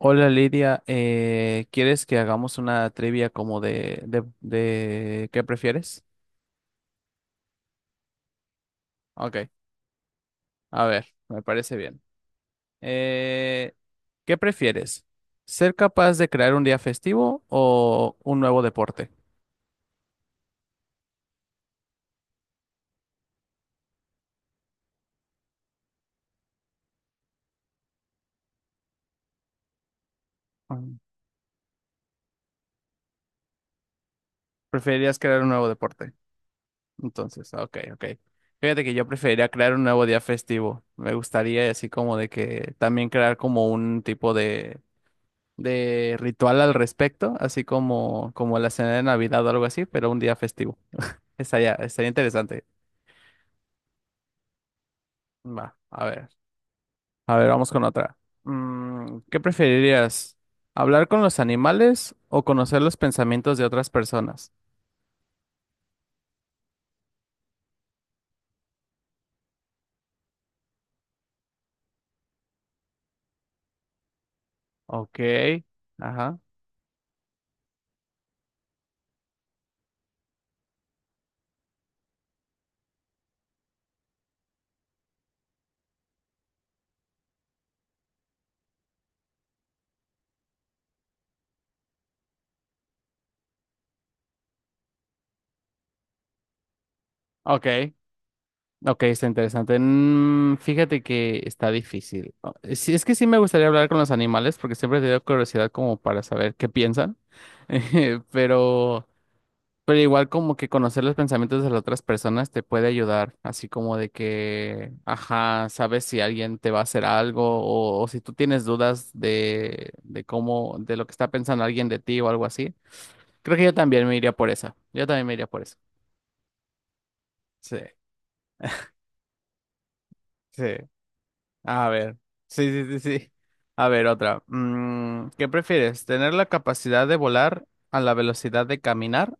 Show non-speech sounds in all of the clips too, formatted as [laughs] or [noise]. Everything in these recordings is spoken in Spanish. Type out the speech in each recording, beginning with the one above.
Hola Lidia, ¿quieres que hagamos una trivia como de qué prefieres? Ok, a ver, me parece bien. Eh, ¿Qué prefieres? ¿Ser capaz de crear un día festivo o un nuevo deporte? Mm. Preferirías crear un nuevo deporte. Entonces, ok, ok. Fíjate que yo preferiría crear un nuevo día festivo. Me gustaría así como de que también crear como un tipo de ritual al respecto, así como la cena de Navidad o algo así, pero un día festivo. Estaría interesante. Va, a ver. A ver, vamos con otra. ¿Qué preferirías? ¿Hablar con los animales o conocer los pensamientos de otras personas? Ok, ajá. Ok, ok, está interesante. Fíjate que está difícil. Sí, es que sí me gustaría hablar con los animales porque siempre he tenido curiosidad como para saber qué piensan. [laughs] Pero igual como que conocer los pensamientos de las otras personas te puede ayudar, así como de que, ajá, sabes si alguien te va a hacer algo o si tú tienes dudas de cómo, de lo que está pensando alguien de ti o algo así. Creo que yo también me iría por esa. Yo también me iría por eso. Sí, sí. A ver. Sí, sí, sí, sí. A ver, otra. ¿Qué prefieres? ¿Tener la capacidad de volar a la velocidad de caminar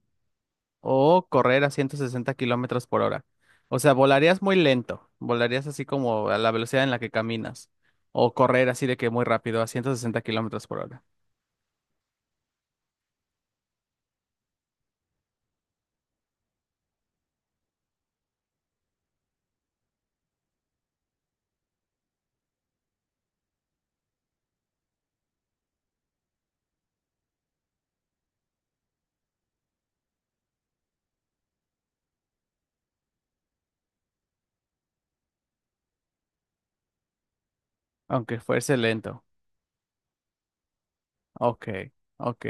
o correr a 160 kilómetros por hora? O sea, volarías muy lento. Volarías así como a la velocidad en la que caminas. O correr así de que muy rápido a 160 kilómetros por hora. Aunque fuese lento. Ok, ok.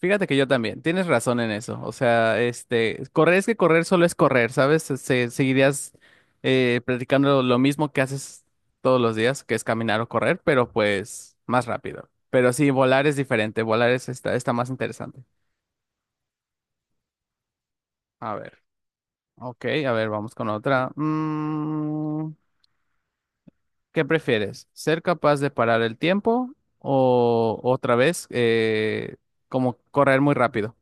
Fíjate que yo también. Tienes razón en eso. O sea, este, correr es que correr solo es correr, ¿sabes? Seguirías practicando lo mismo que haces todos los días, que es caminar o correr, pero pues más rápido. Pero sí, volar es diferente. Volar es, está más interesante. A ver. Ok, a ver, vamos con otra. ¿Qué prefieres? ¿Ser capaz de parar el tiempo o otra vez como correr muy rápido?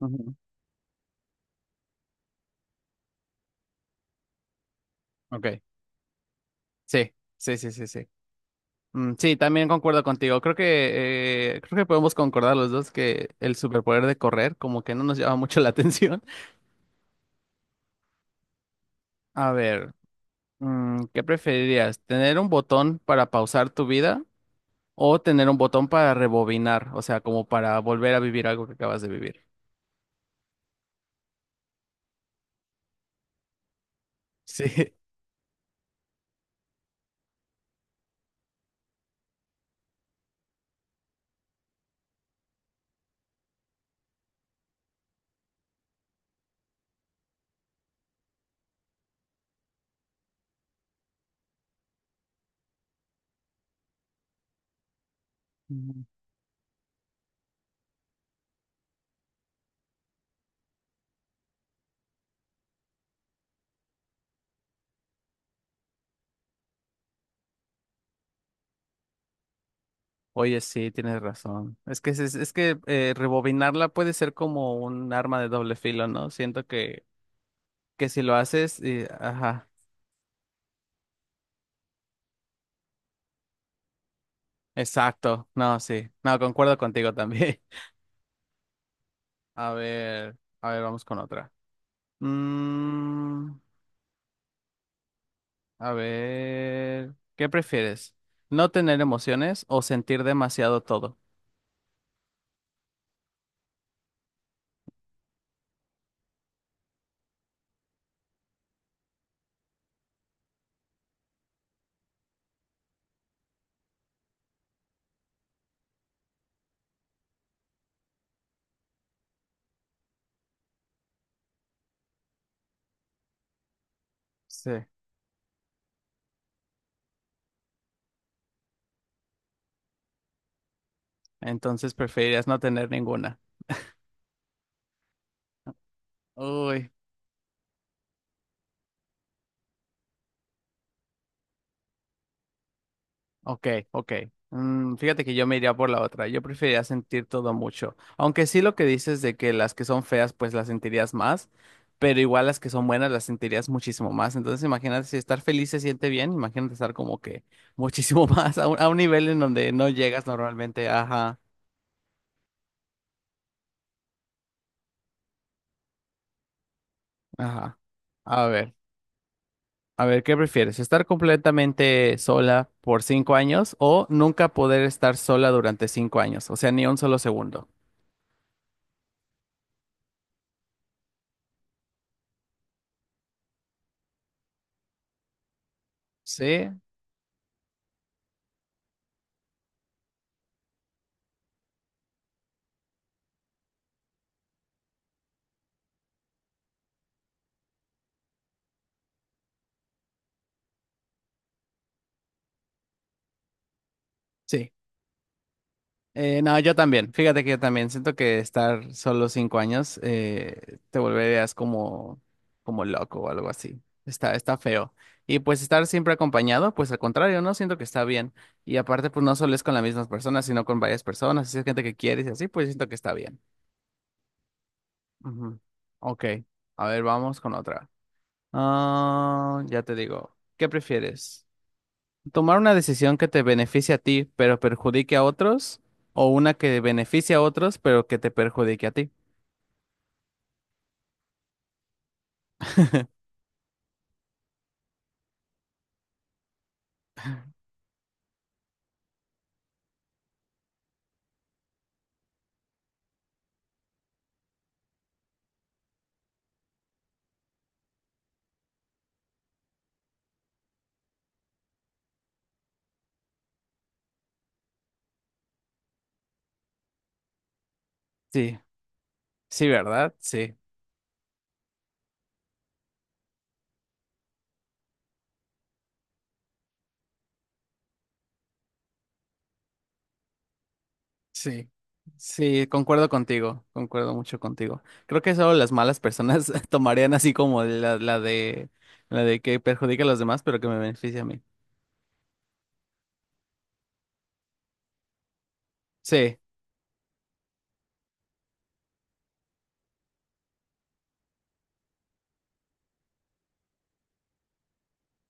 Ujú. Ok, sí, sí, sí, sí, sí. Mm, sí, también concuerdo contigo. Creo que podemos concordar los dos que el superpoder de correr como que no nos llama mucho la atención. [laughs] A ver, ¿qué preferirías? ¿Tener un botón para pausar tu vida? ¿O tener un botón para rebobinar, o sea, como para volver a vivir algo que acabas de vivir? [laughs] Sí. Ujú. Oye, sí, tienes razón. Es que, rebobinarla puede ser como un arma de doble filo, ¿no? Siento que si lo haces, ajá, exacto. No, sí. No, concuerdo contigo también. [laughs] A ver, vamos con otra. Mm, a ver, ¿qué prefieres? ¿No tener emociones o sentir demasiado todo? Sí. Entonces preferirías no tener ninguna. Uy, ok, ok. Fíjate que yo me iría por la otra. Yo preferiría sentir todo mucho. Aunque sí lo que dices de que las que son feas, pues las sentirías más, pero igual las que son buenas las sentirías muchísimo más. Entonces imagínate si estar feliz se siente bien, imagínate estar como que muchísimo [laughs] más a un nivel en donde no llegas normalmente. Ajá, ajá. A ver. A ver, ¿qué prefieres? ¿Estar completamente sola por 5 años o nunca poder estar sola durante 5 años? O sea, ni un solo segundo. Sí, sí. No, yo también. Fíjate que yo también siento que estar solo 5 años te volverías como, como loco o algo así. Está feo. Y pues estar siempre acompañado, pues al contrario, ¿no? Siento que está bien. Y aparte, pues no solo es con las mismas personas, sino con varias personas. Si es gente que quieres y así, pues siento que está bien. Ujú. Ok. A ver, vamos con otra. Ah, ya te digo, ¿qué prefieres? ¿Tomar una decisión que te beneficie a ti, pero perjudique a otros? ¿O una que beneficie a otros, pero que te perjudique a ti? Sí, sí, ¿verdad? Sí, sí, sí, concuerdo contigo, concuerdo mucho contigo. Creo que solo las malas personas [laughs] tomarían así como la de que perjudique a los demás, pero que me beneficie a mí. Sí.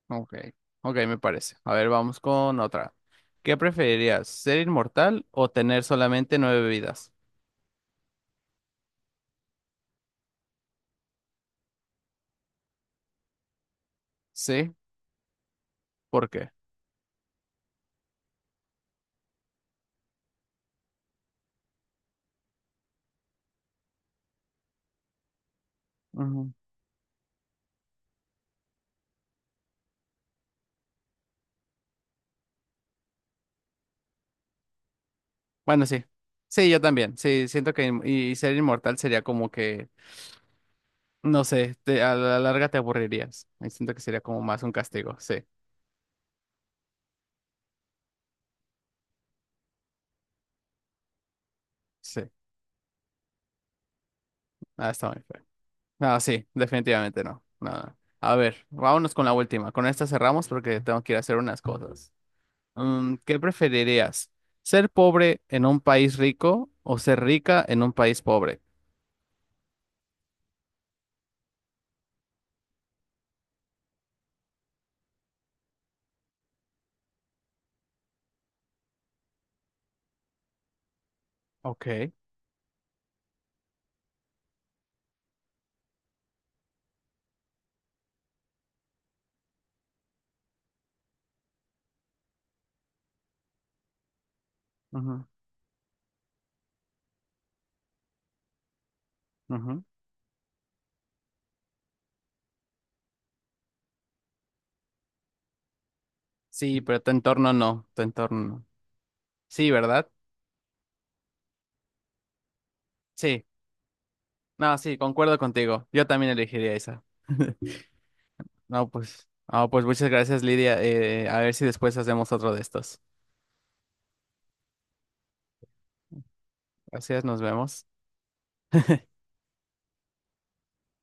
Ok, ok, me parece. A ver, vamos con otra. ¿Qué preferirías, ser inmortal o tener solamente nueve vidas? Sí, ¿por qué? Ujú. Bueno, sí. Sí, yo también. Sí, siento que y ser inmortal sería como que, no sé, a la larga te aburrirías. Y siento que sería como más un castigo. Sí, sí. Ah, está muy feo. No, sí, definitivamente no. No, no. A ver, vámonos con la última. Con esta cerramos porque tengo que ir a hacer unas cosas. ¿Qué preferirías? ¿Ser pobre en un país rico o ser rica en un país pobre? Ok. Ujú, ujú. Sí, pero tu entorno no, tu entorno no. Sí, ¿verdad? Sí. No, sí, concuerdo contigo. Yo también elegiría esa. No, pues, no, pues muchas gracias, Lidia. A ver si después hacemos otro de estos. Gracias, nos vemos.